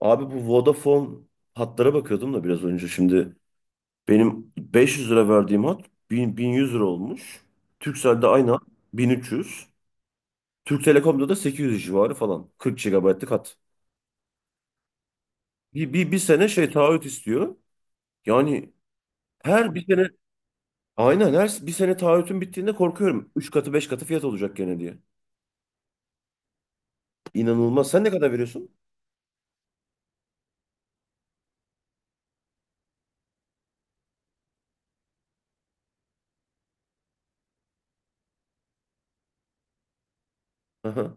Abi bu Vodafone hatlara bakıyordum da biraz önce şimdi. Benim 500 lira verdiğim hat 1000, 1100 lira olmuş. Turkcell'de aynı hat 1300. Türk Telekom'da da 800 civarı falan. 40 gigabaytlık hat. Bir sene şey taahhüt istiyor. Yani her bir sene aynen her bir sene taahhütün bittiğinde korkuyorum. Üç katı 5 katı fiyat olacak gene diye. İnanılmaz. Sen ne kadar veriyorsun? Aha,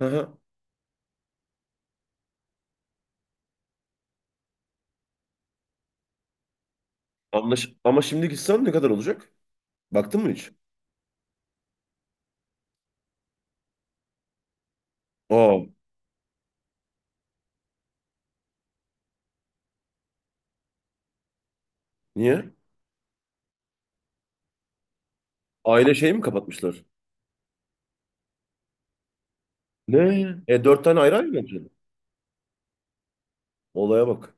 aha. Ama şimdi gitsem ne kadar olacak? Baktın mı hiç? Aa, niye? Aile şeyi mi kapatmışlar? Ne? E dört tane ayrı ayrı mı alacaksın? Olaya bak.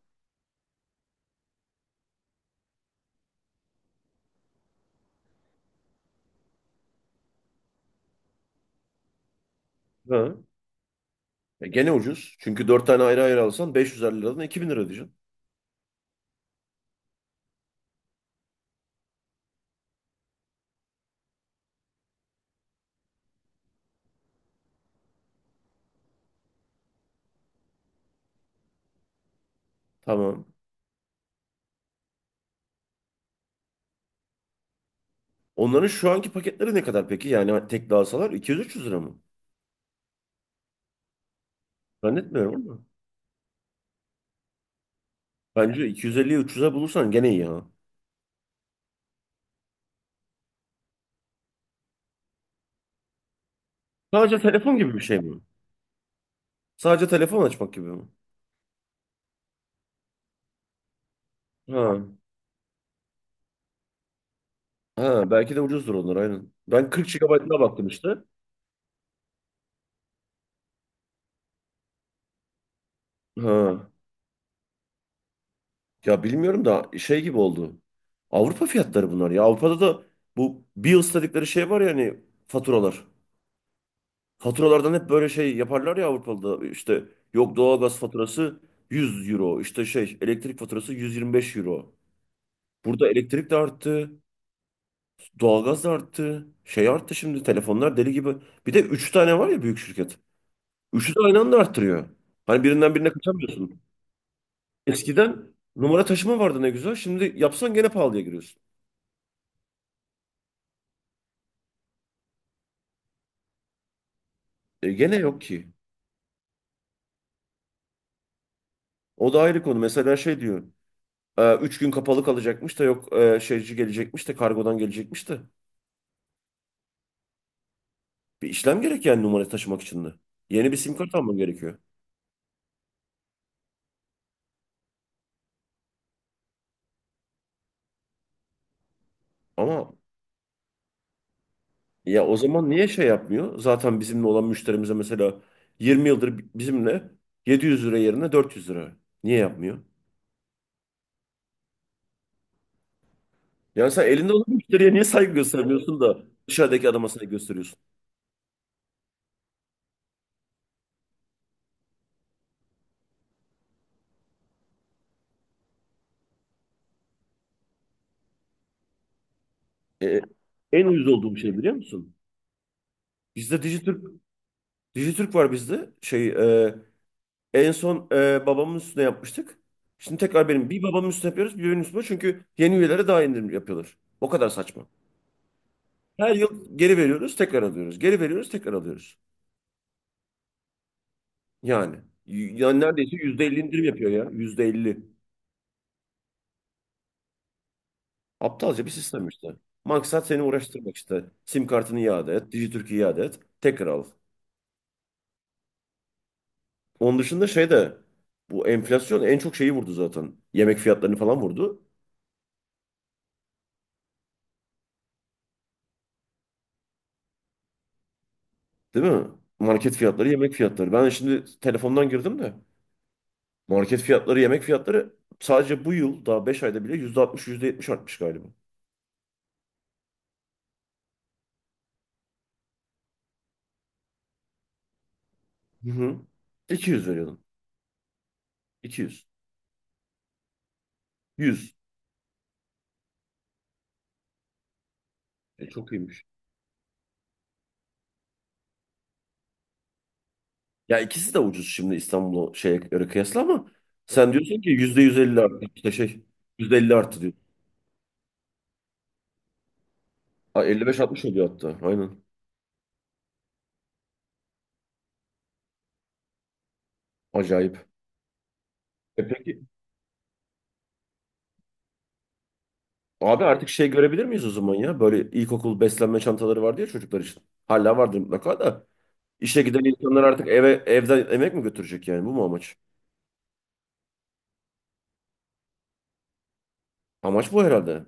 Ha. E, gene ucuz. Çünkü 4 tane ayrı ayrı alsan 550 liradan 2000 lira diyeceksin. Tamam. Onların şu anki paketleri ne kadar peki? Yani tek alsalar 200-300 lira mı? Zannetmiyorum ama. Bence 250'yi 300'e bulursan gene iyi ha. Sadece telefon gibi bir şey mi? Sadece telefon açmak gibi mi? Ha. Ha belki de ucuzdur onlar aynen. Ben 40 GB'ına baktım işte. Ha. Ya bilmiyorum da şey gibi oldu. Avrupa fiyatları bunlar ya. Avrupa'da da bu bills dedikleri şey var ya hani faturalar. Faturalardan hep böyle şey yaparlar ya Avrupa'da. İşte yok doğalgaz faturası 100 euro. İşte şey elektrik faturası 125 euro. Burada elektrik de arttı. Doğalgaz da arttı. Şey arttı şimdi telefonlar deli gibi. Bir de 3 tane var ya büyük şirket. Üçü de aynı anda arttırıyor. Hani birinden birine kaçamıyorsun. Eskiden numara taşıma vardı ne güzel. Şimdi yapsan gene pahalıya giriyorsun. E gene yok ki. O da ayrı konu. Mesela şey diyor. 3 gün kapalı kalacakmış da yok şeyci gelecekmiş de kargodan gelecekmiş de. Bir işlem gerek yani numara taşımak için de. Yeni bir sim kart alman gerekiyor. Ama ya o zaman niye şey yapmıyor? Zaten bizimle olan müşterimize mesela 20 yıldır bizimle 700 lira yerine 400 lira. Niye yapmıyor? Yani sen elinde olan müşteriye niye saygı göstermiyorsun da dışarıdaki adama saygı gösteriyorsun? E, en ucuz olduğum şey biliyor musun? Bizde Dijitürk, Dijitürk var bizde. Şey, e, en son babamın üstüne yapmıştık. Şimdi tekrar benim. Bir babamın üstüne yapıyoruz, bir benim üstüme. Çünkü yeni üyelere daha indirim yapıyorlar. O kadar saçma. Her yıl geri veriyoruz, tekrar alıyoruz. Geri veriyoruz, tekrar alıyoruz. Yani. Yani neredeyse %50 indirim yapıyor ya. %50. Aptalca bir sistem işte. Maksat seni uğraştırmak işte. Sim kartını iade et, Dijitürk'ü iade et, tekrar al. Onun dışında şey de bu enflasyon en çok şeyi vurdu zaten. Yemek fiyatlarını falan vurdu. Değil mi? Market fiyatları, yemek fiyatları. Ben şimdi telefondan girdim de. Market fiyatları, yemek fiyatları sadece bu yıl daha 5 ayda bile %60 yüzde yetmiş artmış galiba. Hı hı. 200 veriyordun. İki yüz. Yüz. Çok iyiymiş. Ya ikisi de ucuz şimdi İstanbul'a şeye göre kıyasla ama sen, evet, diyorsun ki %150 arttı işte şey %50 arttı diyor. Ha, elli beş altmış oluyor hatta. Aynen. Acayip. E peki abi artık şey görebilir miyiz o zaman ya? Böyle ilkokul beslenme çantaları vardı ya çocuklar için. Hala vardır mutlaka da. İşe giden insanlar artık evden yemek mi götürecek yani? Bu mu amaç? Amaç bu herhalde.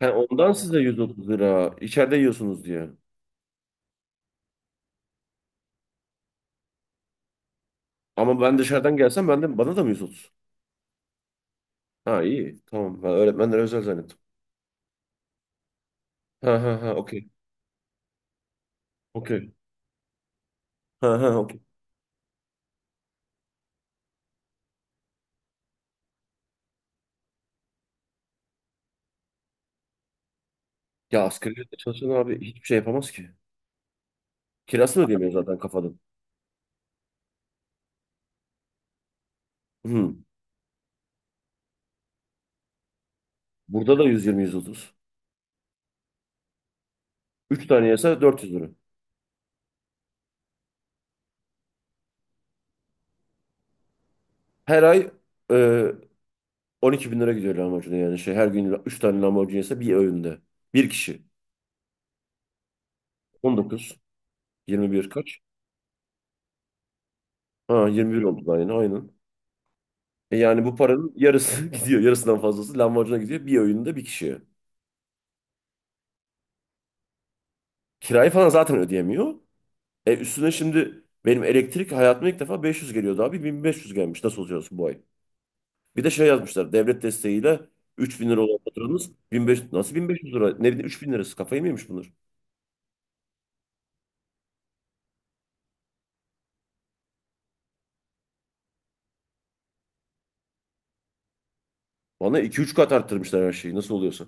He, ondan size 130 lira. İçeride yiyorsunuz diye. Ama ben dışarıdan gelsem ben de bana da mı 130? Ha iyi. Tamam. Ben öğretmenlere özel zannettim. Ha ha ha okey. Okey. Ha ha okey. Ya asgari ücretle çalışan abi hiçbir şey yapamaz ki. Kirasını ödeyemiyor zaten kafadan. Hı. Burada da 120-130. 3 tane yese 400 lira. Her ay e, 12 bin lira gidiyor lahmacuna yani. Şey, her gün 3 tane lahmacun yese bir öğünde. Bir kişi. 19. 21 kaç? Ha 21 oldu da aynı. Aynen. E yani bu paranın yarısı gidiyor. Yarısından fazlası lahmacuna gidiyor. Bir öğünde bir kişiye. Kirayı falan zaten ödeyemiyor. E üstüne şimdi benim elektrik hayatıma ilk defa 500 geliyordu abi. 1500 gelmiş. Nasıl olacağız bu ay? Bir de şey yazmışlar. Devlet desteğiyle 3000 lira olan faturanız 1500, nasıl 1500 lira? Ne bileyim 3000 lirası. Kafayı mı yemiş bunlar? Bana 2-3 kat arttırmışlar her şeyi. Nasıl oluyorsa.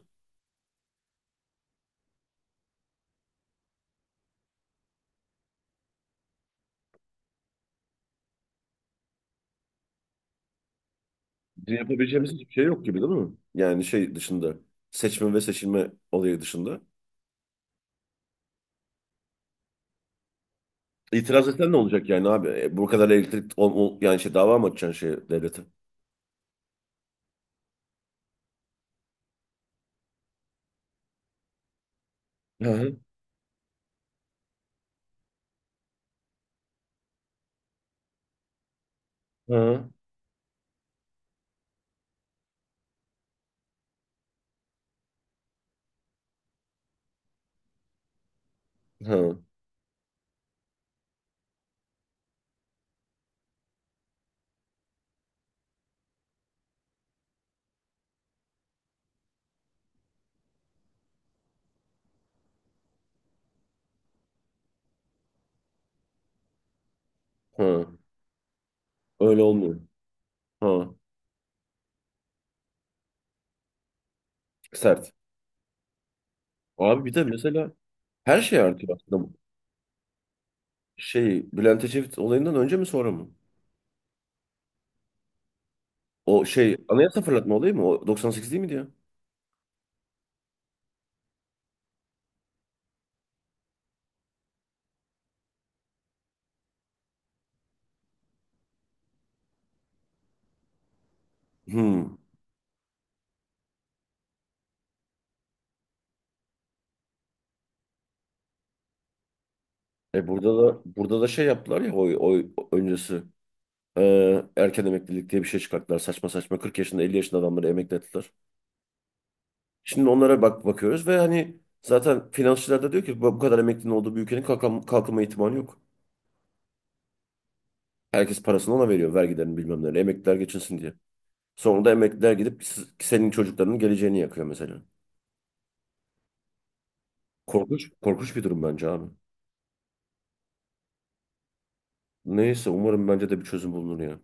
Bizim yapabileceğimiz hiçbir şey yok gibi değil mi? Yani şey dışında. Seçme ve seçilme olayı dışında. İtiraz etsen ne olacak yani abi? E, bu kadar elektrik yani şey dava mı açacaksın şey devlete? Hı hı hı hı. Hı. Öyle olmuyor. Hı. Sert. Abi bir de mesela her şey artıyor aslında bu. Şey Bülent Ecevit olayından önce mi sonra mı? O şey anayasa fırlatma olayı mı? O 98 değil miydi ya? Hmm. E burada da burada da şey yaptılar ya oy öncesi. Erken emeklilik diye bir şey çıkarttılar. Saçma saçma 40 yaşında 50 yaşında adamları emekli ettiler. Şimdi onlara bakıyoruz ve hani zaten finansçılar da diyor ki bu kadar emeklinin olduğu bir ülkenin kalkınma ihtimali yok. Herkes parasını ona veriyor vergilerini bilmem neleri emekliler geçinsin diye. Sonra da emekliler gidip senin çocuklarının geleceğini yakıyor mesela. Korkunç, korkunç bir durum bence abi. Neyse umarım bence de bir çözüm bulunur ya.